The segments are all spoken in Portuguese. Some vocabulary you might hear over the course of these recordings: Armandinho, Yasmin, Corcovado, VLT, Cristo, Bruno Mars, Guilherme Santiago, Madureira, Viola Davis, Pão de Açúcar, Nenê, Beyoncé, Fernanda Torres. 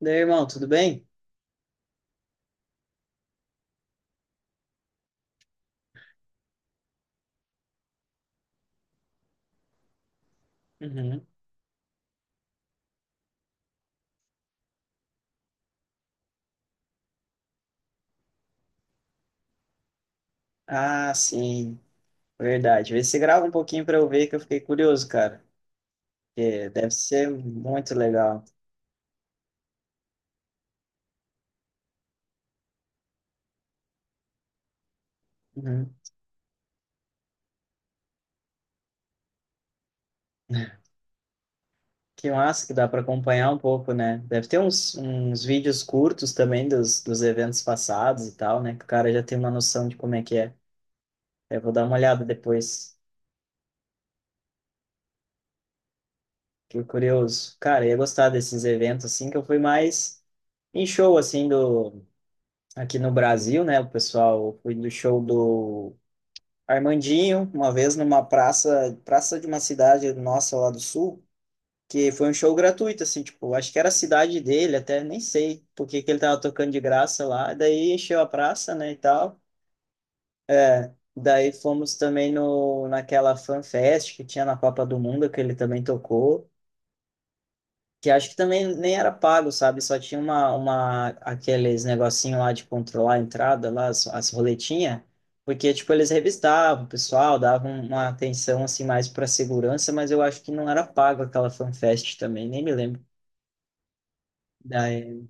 Daí, irmão, tudo bem? Uhum. Ah, sim, verdade. Vê se grava um pouquinho pra eu ver que eu fiquei curioso, cara. É, deve ser muito legal. Uhum. Que massa que dá pra acompanhar um pouco, né? Deve ter uns vídeos curtos também dos eventos passados e tal, né? Que o cara já tem uma noção de como é que é. Eu vou dar uma olhada depois. Fiquei curioso. Cara, eu ia gostar desses eventos, assim, que eu fui mais em show, assim, do. Aqui no Brasil, né? O pessoal, eu fui do show do Armandinho, uma vez numa praça, praça de uma cidade nossa lá do sul, que foi um show gratuito, assim, tipo, acho que era a cidade dele até, nem sei porque que ele tava tocando de graça lá, daí encheu a praça, né, e tal. Daí fomos também no, naquela Fan Fest que tinha na Copa do Mundo, que ele também tocou. Que acho que também nem era pago, sabe? Só tinha uma aqueles negocinho lá de controlar a entrada, lá, as roletinhas, porque, tipo, eles revistavam o pessoal, davam uma atenção, assim, mais para segurança, mas eu acho que não era pago aquela fanfest também, nem me lembro. Daí,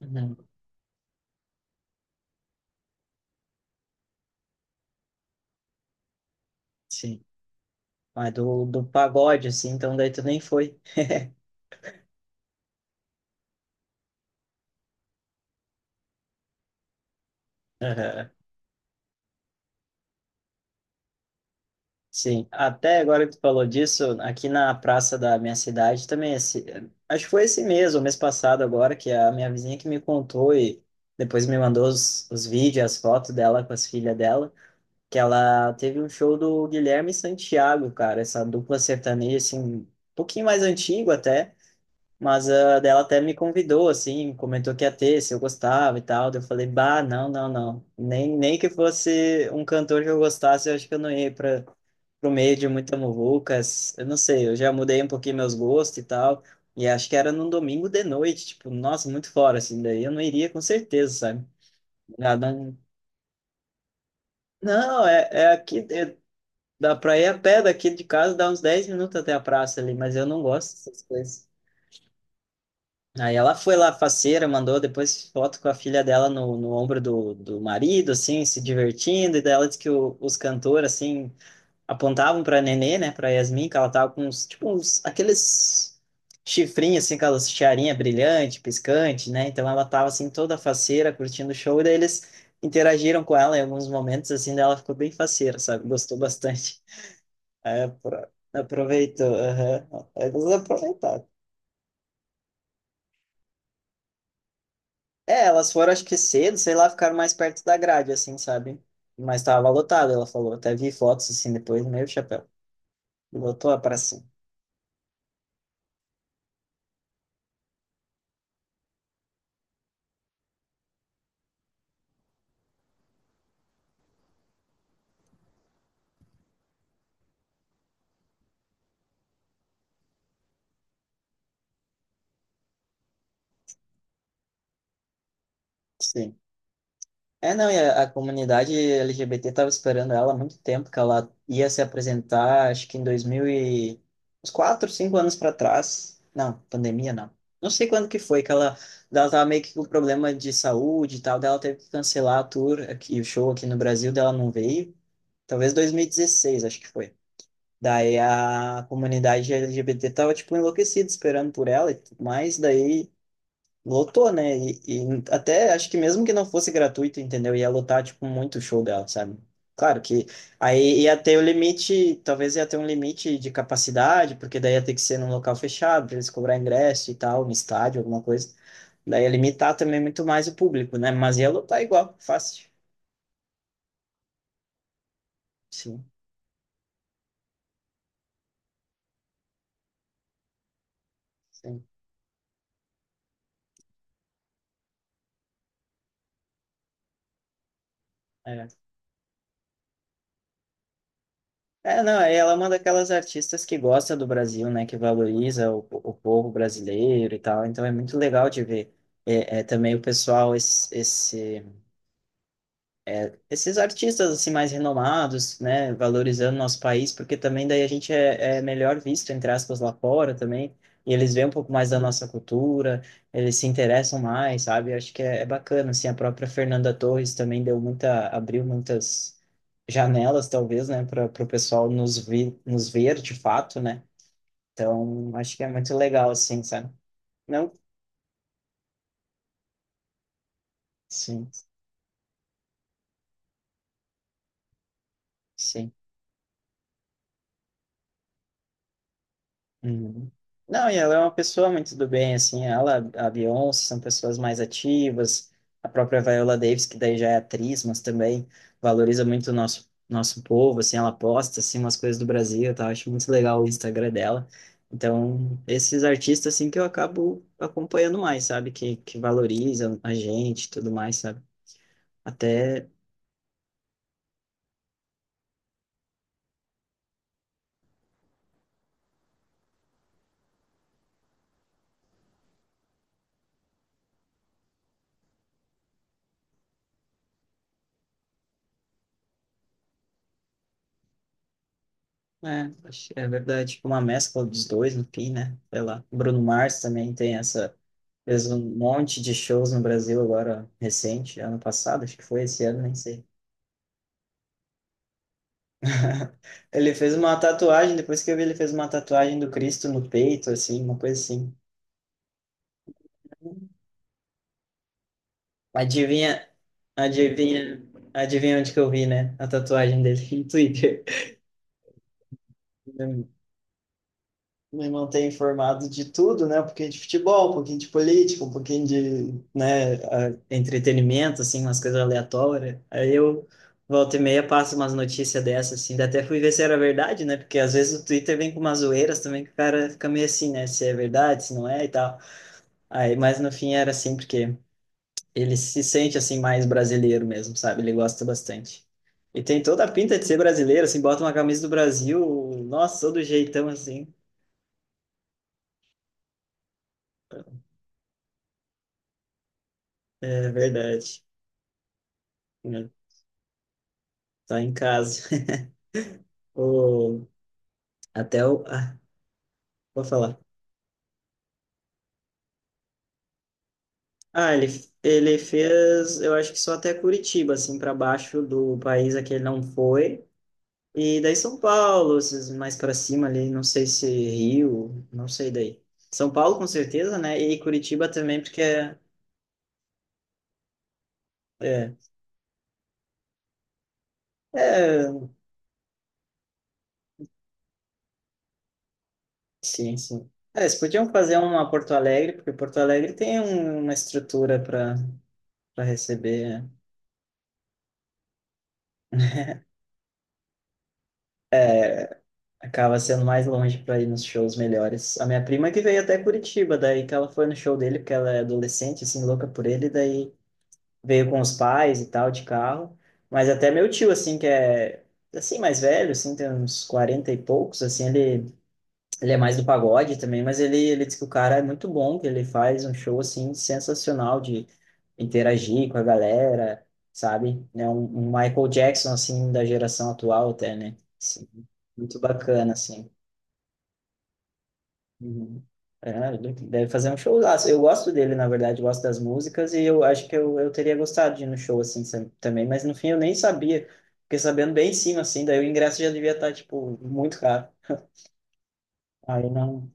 uhum, sim, mas do, pagode, assim, então daí tu nem foi. Sim, até agora que tu falou disso, aqui na praça da minha cidade também, esse, acho que foi esse mês, ou mês passado agora, que a minha vizinha que me contou e depois me mandou os vídeos, as fotos dela com as filhas dela, que ela teve um show do Guilherme Santiago, cara, essa dupla sertaneja, assim, um pouquinho mais antigo até, mas a dela até me convidou, assim, comentou que ia ter, se eu gostava e tal. Daí eu falei, bah, não, não, não. Nem que fosse um cantor que eu gostasse, eu acho que eu não ia para pro meio de muita muvuca. Eu não sei, eu já mudei um pouquinho meus gostos e tal. E acho que era num domingo de noite, tipo, nossa, muito fora, assim. Daí eu não iria com certeza, sabe? Ah, não, não, é, aqui, é, dá pra ir a pé daqui de casa, dá uns 10 minutos até a praça ali, mas eu não gosto dessas coisas. Aí ela foi lá, faceira, mandou depois foto com a filha dela no ombro do marido, assim, se divertindo. E daí ela disse que os cantores, assim, apontavam pra Nenê, né, pra Yasmin, que ela tava com uns, tipo, uns, aqueles chifrinhos, assim, aquelas tiarinha brilhante, piscante, né? Então ela tava, assim, toda faceira, curtindo o show. E daí eles interagiram com ela em alguns momentos, assim, daí ela ficou bem faceira, sabe? Gostou bastante. É, aproveitou, aham. Eles aproveitaram. É, elas foram, acho que cedo, sei lá, ficaram mais perto da grade, assim, sabe? Mas tava lotado, ela falou. Até vi fotos, assim, depois, meio chapéu. Lotou a praça. Sim. É, não, e a, comunidade LGBT tava esperando ela há muito tempo, que ela ia se apresentar, acho que em 2000 e. Uns 4, 5 anos para trás. Não, pandemia, não. Não sei quando que foi, que ela tava meio que com problema de saúde e tal. Daí ela teve que cancelar a tour aqui, o show aqui no Brasil, dela não veio. Talvez 2016, acho que foi. Daí a comunidade LGBT tava, tipo, enlouquecida esperando por ela e tudo mais, daí lotou, né? E até acho que mesmo que não fosse gratuito, entendeu? Ia lotar, tipo, muito o show dela, sabe? Claro que aí ia ter o limite, talvez ia ter um limite de capacidade, porque daí ia ter que ser num local fechado, pra eles cobrar ingresso e tal, no estádio, alguma coisa. Daí ia limitar também muito mais o público, né? Mas ia lotar igual, fácil. Sim, sim. É. É, não, aí ela é uma daquelas artistas que gosta do Brasil, né, que valoriza o povo brasileiro e tal, então é muito legal de ver. É, também o pessoal, esses artistas assim mais renomados, né, valorizando nosso país, porque também daí a gente é melhor visto, entre aspas, lá fora também, e eles veem um pouco mais da nossa cultura, eles se interessam mais, sabe? Eu acho que é bacana, assim, a própria Fernanda Torres também deu muita, abriu muitas janelas, talvez, né, para o pessoal nos ver de fato, né? Então, acho que é muito legal, assim, sabe? Não? Sim, sim. Uhum. Não, e ela é uma pessoa muito do bem, assim, ela, a Beyoncé, são pessoas mais ativas, a própria Viola Davis, que daí já é atriz, mas também valoriza muito o nosso povo, assim, ela posta, assim, umas coisas do Brasil, tá? Eu acho muito legal o Instagram dela. Então, esses artistas, assim, que eu acabo acompanhando mais, sabe? Que valorizam a gente e tudo mais, sabe? Até, é verdade, tipo, uma mescla dos dois no fim, né? Sei lá, Bruno Mars também tem essa. Fez um monte de shows no Brasil agora, recente, ano passado, acho que foi esse ano, nem sei. Ele fez uma tatuagem, depois que eu vi, ele fez uma tatuagem do Cristo no peito, assim, uma coisa assim. Adivinha, adivinha, adivinha onde que eu vi, né? A tatuagem dele no Twitter. Me manter informado de tudo, né? Um pouquinho de futebol, um pouquinho de política, um pouquinho de, né, entretenimento, assim, umas coisas aleatórias. Aí eu volta e meia passo umas notícias dessas, assim. Daí até fui ver se era verdade, né? Porque às vezes o Twitter vem com umas zoeiras também que o cara fica meio assim, né? Se é verdade, se não é e tal. Aí, mas no fim era assim, porque ele se sente, assim, mais brasileiro mesmo, sabe? Ele gosta bastante. E tem toda a pinta de ser brasileiro, assim, bota uma camisa do Brasil, nossa, todo jeitão, assim. É verdade, né? Tá em casa. O, até o. Ah, vou falar. Ah, ele, fez, eu acho que só até Curitiba, assim, para baixo do país a que ele não foi. E daí São Paulo, esses mais para cima ali, não sei se Rio, não sei daí. São Paulo com certeza, né? E Curitiba também, porque é. É, é sim, sim. É, eles podiam fazer uma Porto Alegre, porque Porto Alegre tem uma estrutura para receber. Acaba sendo mais longe para ir nos shows melhores. A minha prima que veio até Curitiba, daí que ela foi no show dele, porque ela é adolescente, assim, louca por ele, daí veio com os pais e tal, de carro. Mas até meu tio, assim, que é, assim, mais velho, assim, tem uns 40 e poucos, assim, ele, é mais do pagode também, mas ele diz que o cara é muito bom, que ele faz um show, assim, sensacional de interagir com a galera, sabe? É um Michael Jackson, assim, da geração atual até, né? Assim, muito bacana, assim. Uhum. É, ele deve fazer um showzaço. Eu gosto dele, na verdade, gosto das músicas e eu acho que eu teria gostado de ir no show assim também, mas no fim eu nem sabia. Fiquei sabendo bem em cima, assim, daí o ingresso já devia estar, tipo, muito caro. Aí não.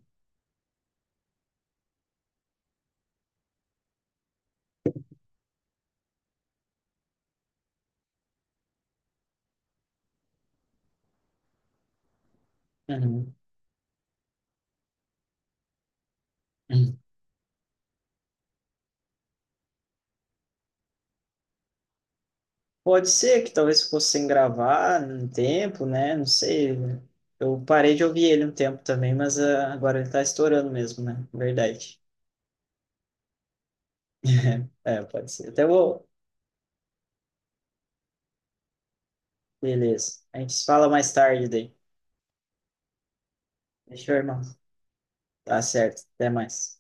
Uhum. Uhum. Pode ser que talvez fosse sem gravar um tempo, né? Não sei. Eu parei de ouvir ele um tempo também, mas ah, agora ele tá estourando mesmo, né? Verdade. É, pode ser. Até vou. Beleza. A gente se fala mais tarde daí. Deixa eu, irmão. Tá certo. Até mais.